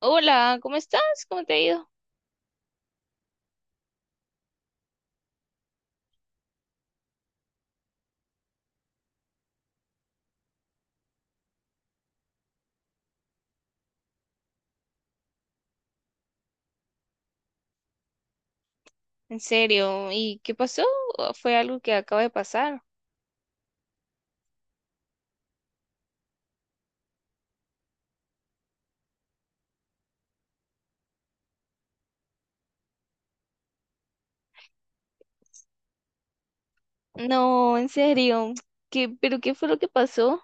Hola, ¿cómo estás? ¿Cómo te ha ido? ¿En serio? ¿Y qué pasó? ¿O ¿Fue algo que acaba de pasar? No, en serio. ¿Pero qué fue lo que pasó?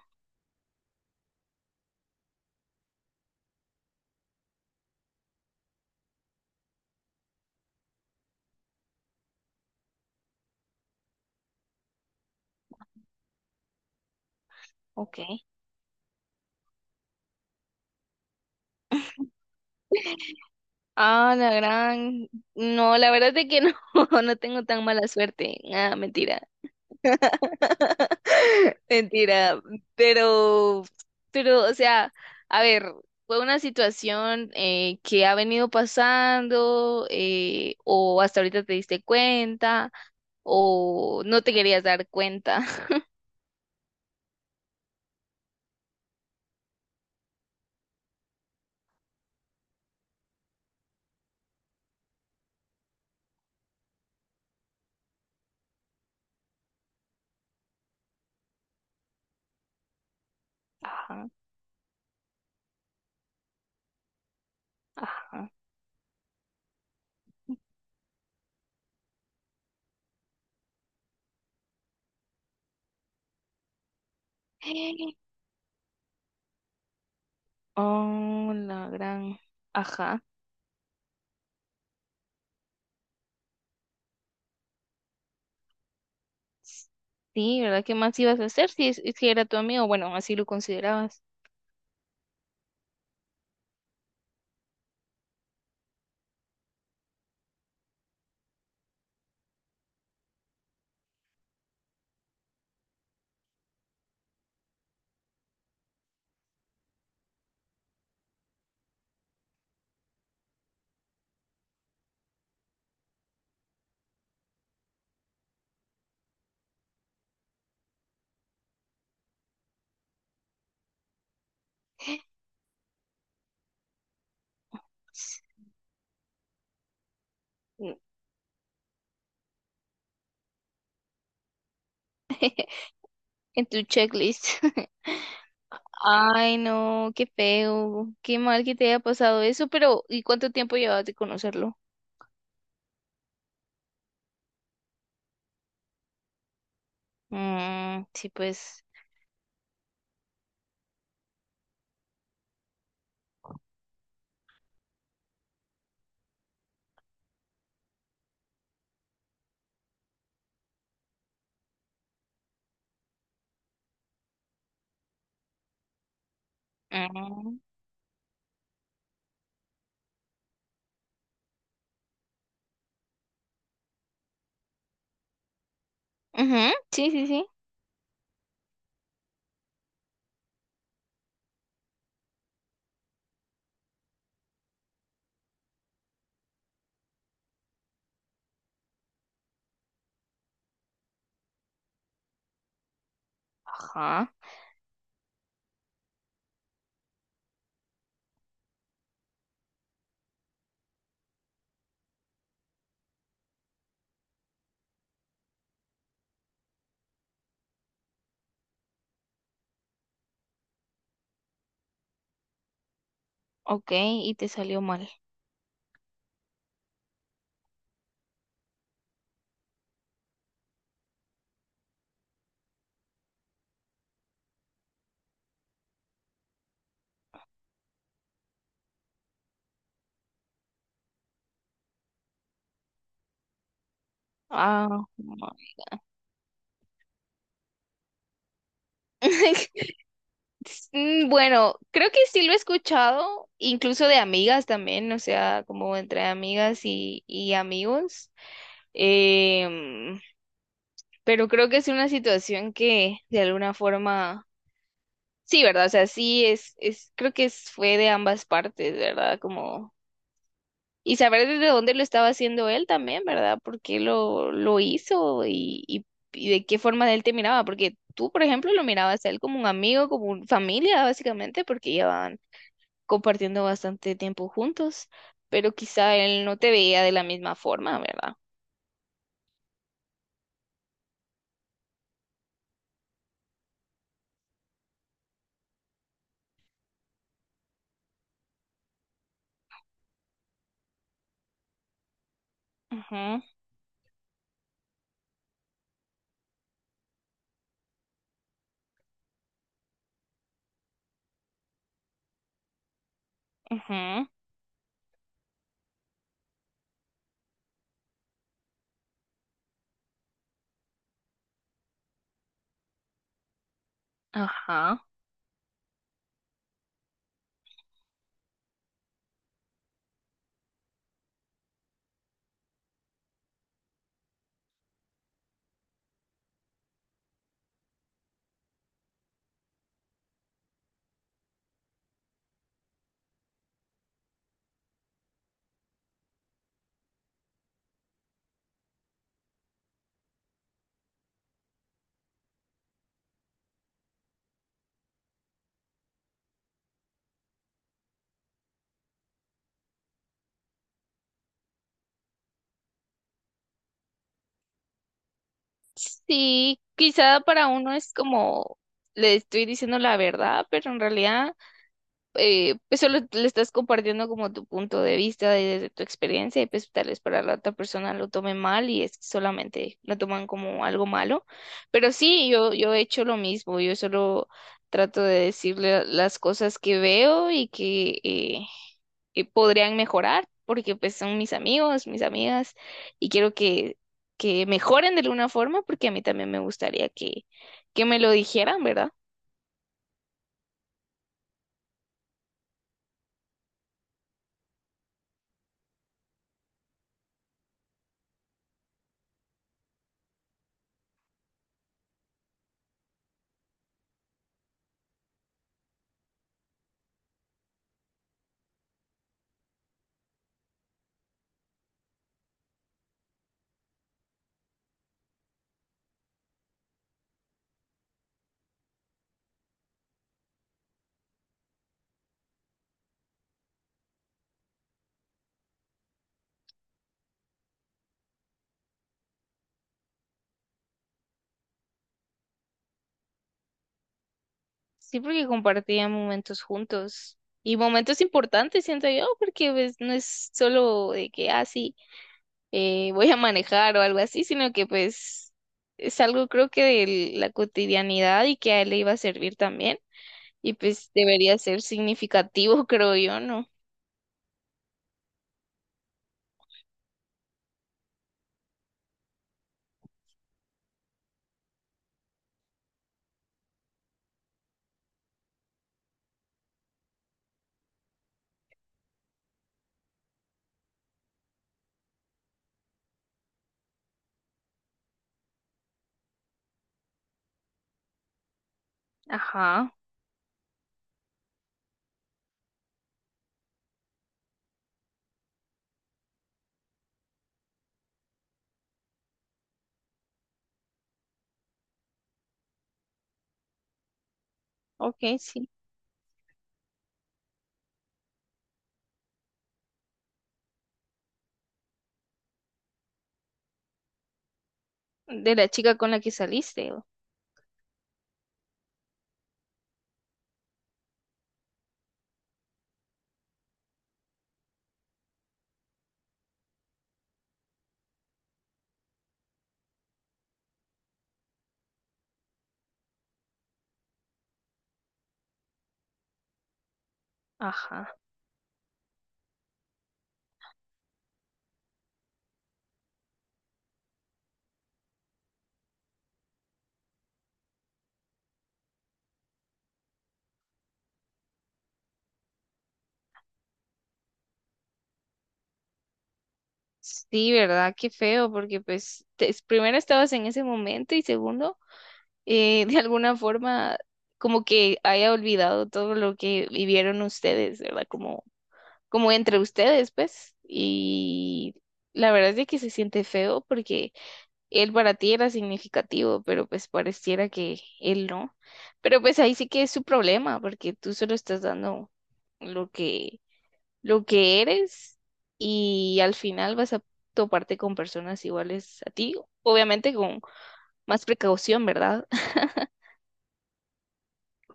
Ok. Ah, la gran. No, la verdad es que no, no tengo tan mala suerte. Ah, mentira. Mentira, pero, pero, o sea, a ver, fue una situación que ha venido pasando o hasta ahorita te diste cuenta o no te querías dar cuenta. Ajá, ajá. Oh, la gran, ajá. Sí, ¿verdad? ¿Qué más ibas a hacer si es que era tu amigo? Bueno, así lo considerabas. En tu checklist. Ay, no, qué feo, qué mal que te haya pasado eso, pero ¿y cuánto tiempo llevas de conocerlo? Mm, sí, pues. Mm, ujú, sí, sí, sí. Ajá, ok, y te salió mal. Ah, ma- Mm, bueno, creo que sí lo he escuchado, incluso de amigas también, o sea, como entre amigas y amigos. Em, pero creo que es una situación que de alguna forma sí, ¿verdad? O sea, sí es, creo que fue de ambas partes, ¿verdad? Como, y saber desde dónde lo estaba haciendo él también, ¿verdad? ¿Por qué lo hizo y de qué forma él te miraba? Porque tú, por ejemplo, lo mirabas a él como un amigo, como una familia, básicamente, porque llevaban compartiendo bastante tiempo juntos, pero quizá él no te veía de la misma forma, ¿verdad? Ajá, ajá, ajá. Sí, quizá para uno es como, le estoy diciendo la verdad, pero en realidad. Pues solo le estás compartiendo como tu punto de vista y desde tu experiencia y pues tal vez para la otra persona lo tome mal y es que solamente lo toman como algo malo. Pero sí, yo he hecho lo mismo, yo solo trato de decirle las cosas que veo y que podrían mejorar porque pues son mis amigos, mis amigas y quiero que mejoren de alguna forma porque a mí también me gustaría que me lo dijeran, ¿verdad? Sí, porque compartían momentos juntos y momentos importantes, siento yo, porque pues no es solo de que, ah, sí, voy a manejar o algo así, sino que pues es algo creo que de la cotidianidad y que a él le iba a servir también y pues debería ser significativo, creo yo, ¿no? Ajá, ok, sí. De la chica con la que saliste. Ajá. Sí, ¿verdad? Qué feo, porque pues primero estabas en ese momento y segundo, de alguna forma como que haya olvidado todo lo que vivieron ustedes, ¿verdad? Como entre ustedes, pues. Y la verdad es de que se siente feo porque él para ti era significativo, pero pues pareciera que él no. Pero pues ahí sí que es su problema, porque tú solo estás dando lo que lo que eres y al final vas a toparte con personas iguales a ti, obviamente con más precaución, ¿verdad?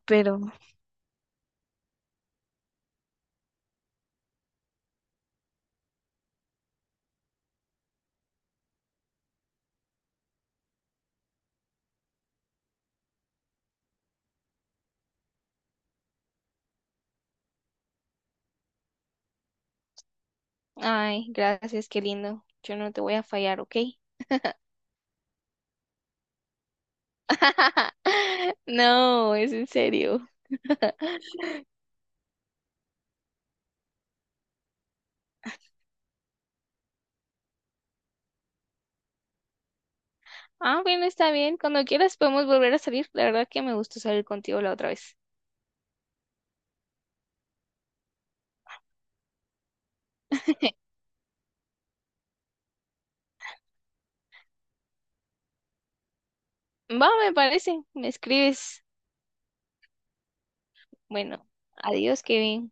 Pero, Ay, gracias, qué lindo. Yo no te voy a fallar, ¿ok? No, es en serio. Ah, bueno, está bien. Cuando quieras podemos volver a salir. La verdad que me gustó salir contigo la otra vez. Va, me parece. Me escribes. Bueno, adiós, Kevin.